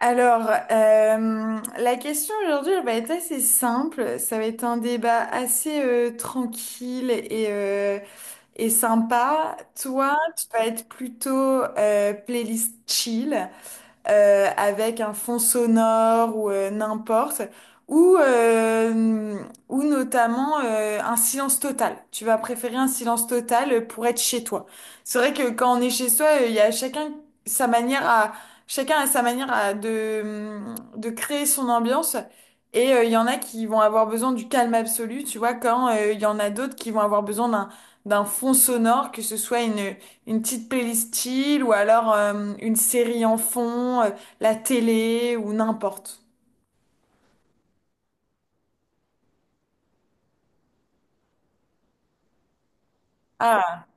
La question aujourd'hui, elle va être assez simple. Ça va être un débat assez tranquille et et sympa. Toi, tu vas être plutôt playlist chill avec un fond sonore ou n'importe, ou, euh, ou notamment un silence total. Tu vas préférer un silence total pour être chez toi. C'est vrai que quand on est chez soi, il y a chacun sa manière à, chacun a sa manière de créer son ambiance. Il y en a qui vont avoir besoin du calme absolu, tu vois, quand il y en a d'autres qui vont avoir besoin d'un fond sonore, que ce soit une petite playlist chill ou alors une série en fond, la télé ou n'importe. Ah.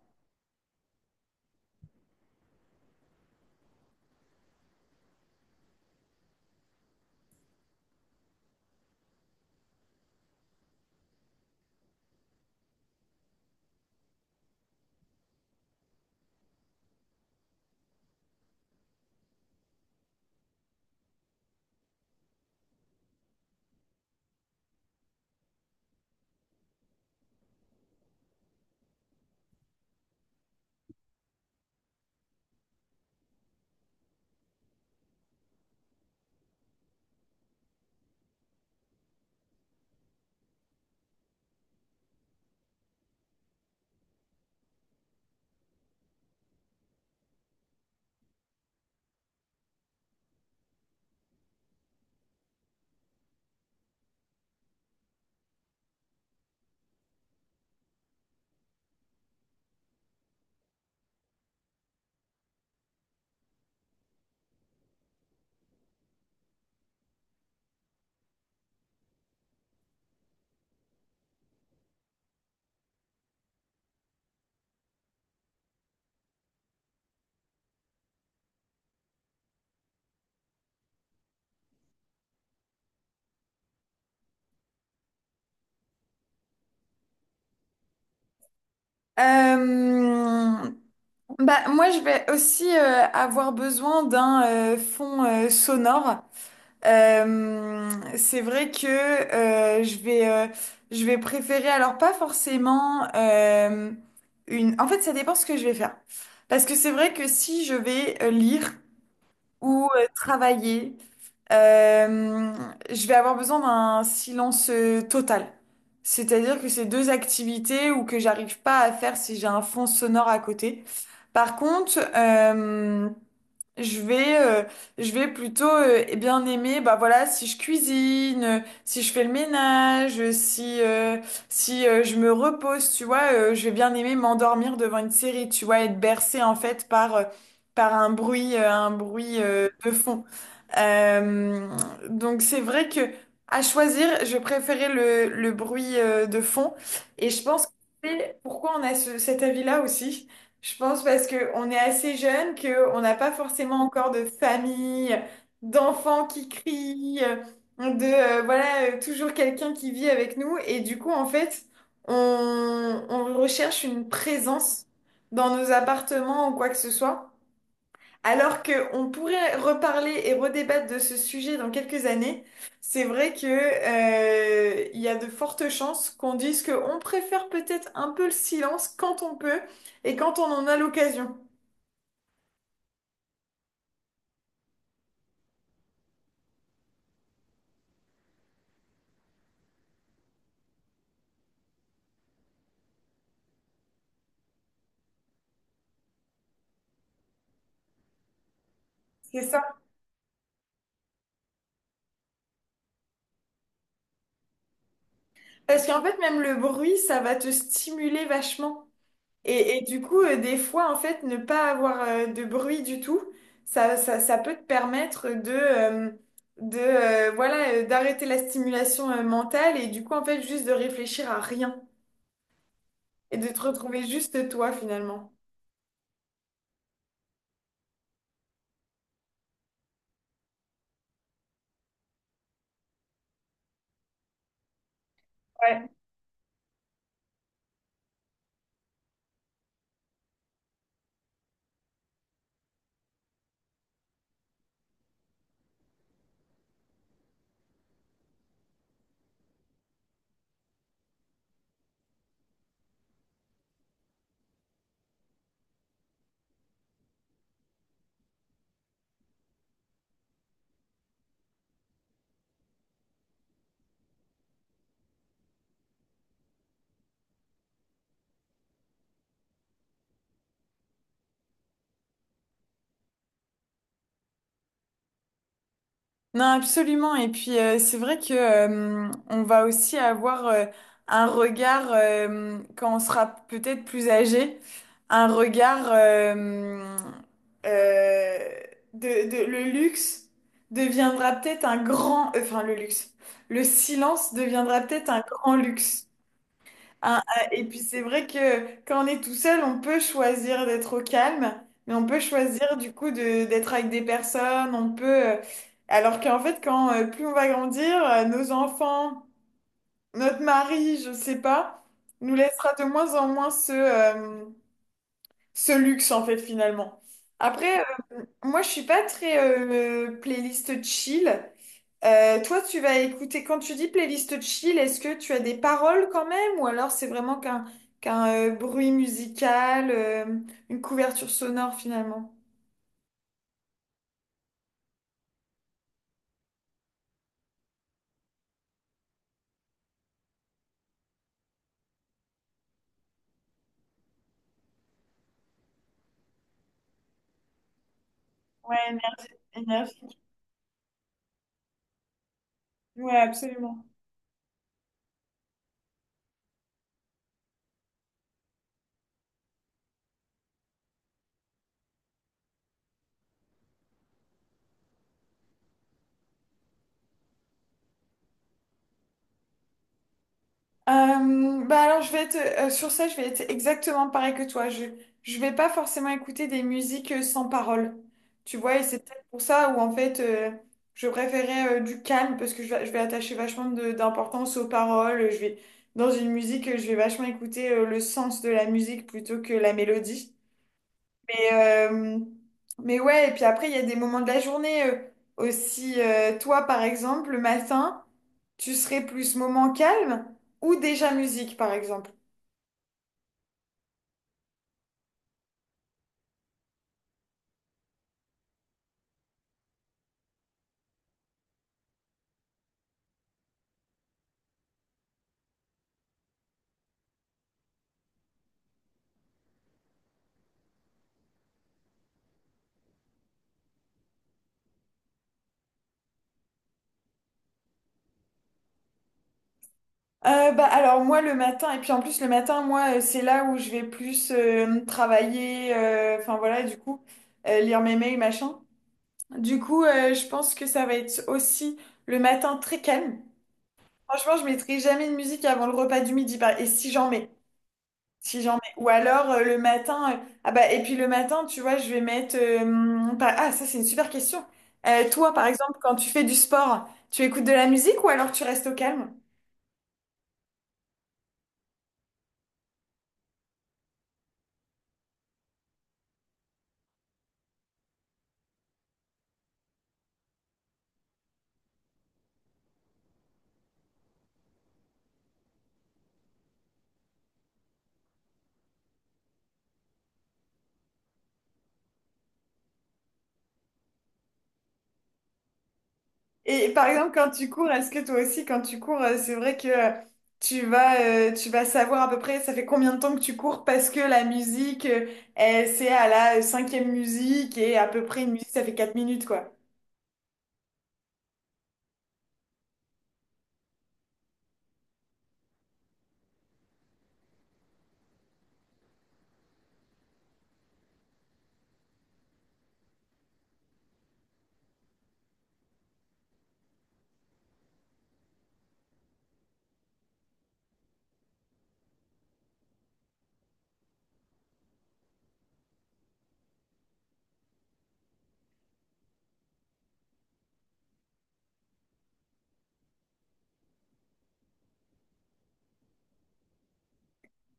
Euh, Moi, je vais aussi avoir besoin d'un fond sonore. Euh, c'est vrai que je vais préférer, alors pas forcément une... En fait, ça dépend ce que je vais faire. Parce que c'est vrai que si je vais lire... ou travailler. Euh, je vais avoir besoin d'un silence total. C'est-à-dire que c'est deux activités ou que j'arrive pas à faire si j'ai un fond sonore à côté. Par contre, je vais, euh, je vais plutôt bien aimer, bah voilà, si je cuisine, si je fais le ménage, si, si je me repose, tu vois, je vais bien aimer m'endormir devant une série, tu vois, être bercée en fait par par un bruit, un bruit de fond. Euh, donc c'est vrai que à choisir, je préférais le bruit de fond, et je pense que c'est pourquoi on a cet avis-là aussi. Je pense parce que on est assez jeune, que on n'a pas forcément encore de famille, d'enfants qui crient, de voilà toujours quelqu'un qui vit avec nous et du coup en fait on recherche une présence dans nos appartements ou quoi que ce soit. Alors qu'on pourrait reparler et redébattre de ce sujet dans quelques années, c'est vrai que, il y a de fortes chances qu'on dise qu'on préfère peut-être un peu le silence quand on peut et quand on en a l'occasion. C'est ça. Parce qu'en fait, même le bruit, ça va te stimuler vachement. Et du coup, des fois, en fait, ne pas avoir de bruit du tout, ça peut te permettre de, voilà, d'arrêter la stimulation mentale et du coup, en fait, juste de réfléchir à rien. Et de te retrouver juste toi finalement. Ouais. Non, absolument. Et puis, c'est vrai que, on va aussi avoir un regard, quand on sera peut-être plus âgé, un regard euh, de, le luxe deviendra peut-être un grand, enfin le luxe, le silence deviendra peut-être un grand luxe. Ah, ah, et puis c'est vrai que quand on est tout seul, on peut choisir d'être au calme, mais on peut choisir du coup de d'être avec des personnes, on peut... Alors qu'en fait, quand plus on va grandir, nos enfants, notre mari, je sais pas, nous laissera de moins en moins ce ce luxe en fait finalement. Après, moi je suis pas très playlist chill. Toi, tu vas écouter, quand tu dis playlist chill, est-ce que tu as des paroles quand même ou alors c'est vraiment qu'un bruit musical, une couverture sonore finalement? Ouais, éner- énergie. Ouais, absolument. Bah alors je vais être sur ça, je vais être exactement pareil que toi. Je vais pas forcément écouter des musiques sans parole. Tu vois, et c'est peut-être pour ça où en fait je préférais du calme parce que je vais attacher vachement d'importance aux paroles. Je vais dans une musique, je vais vachement écouter le sens de la musique plutôt que la mélodie. Mais, euh, mais ouais, et puis après, il y a des moments de la journée aussi. Toi, par exemple, le matin, tu serais plus moment calme ou déjà musique, par exemple? Bah, alors moi le matin, et puis en plus le matin, moi c'est là où je vais plus travailler, enfin voilà, du coup, lire mes mails, machin. Du coup, je pense que ça va être aussi le matin très calme. Franchement, je mettrai jamais de musique avant le repas du midi, par- et si j'en mets. Si j'en mets. Ou alors le matin. Ah bah, et puis le matin, tu vois, je vais mettre. Ah, ça, c'est une super question. Toi, par exemple, quand tu fais du sport, tu écoutes de la musique ou alors tu restes au calme? Et par exemple, quand tu cours, est-ce que toi aussi, quand tu cours, c'est vrai que tu vas, tu vas savoir à peu près ça fait combien de temps que tu cours parce que la musique, elle, c'est à la cinquième musique et à peu près une musique, ça fait 4 minutes, quoi.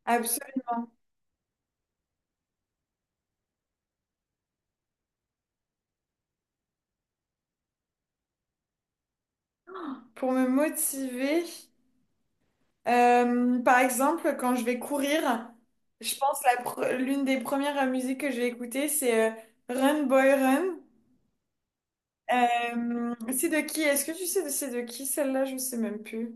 Absolument. Pour me motiver. Par exemple, quand je vais courir, je pense l'une des premières musiques que je vais écouter, c'est Run Boy Run. C'est de qui? Est-ce que tu sais de c'est de qui celle-là? Je sais même plus.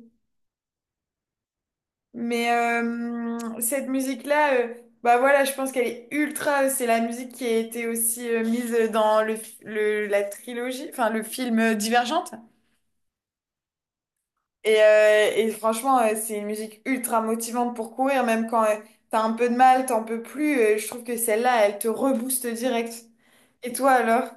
Mais cette musique-là, bah voilà, je pense qu'elle est ultra. C'est la musique qui a été aussi mise dans le, la trilogie, enfin le film Divergente. Et franchement, c'est une musique ultra motivante pour courir, même quand t'as un peu de mal, t'en peux plus. Je trouve que celle-là, elle te rebooste direct. Et toi alors?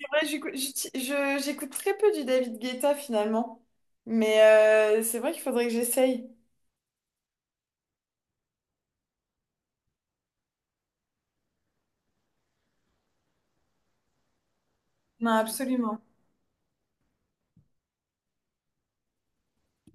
C'est vrai, j'écoute très peu du David Guetta finalement, mais c'est vrai qu'il faudrait que j'essaye. Non, absolument.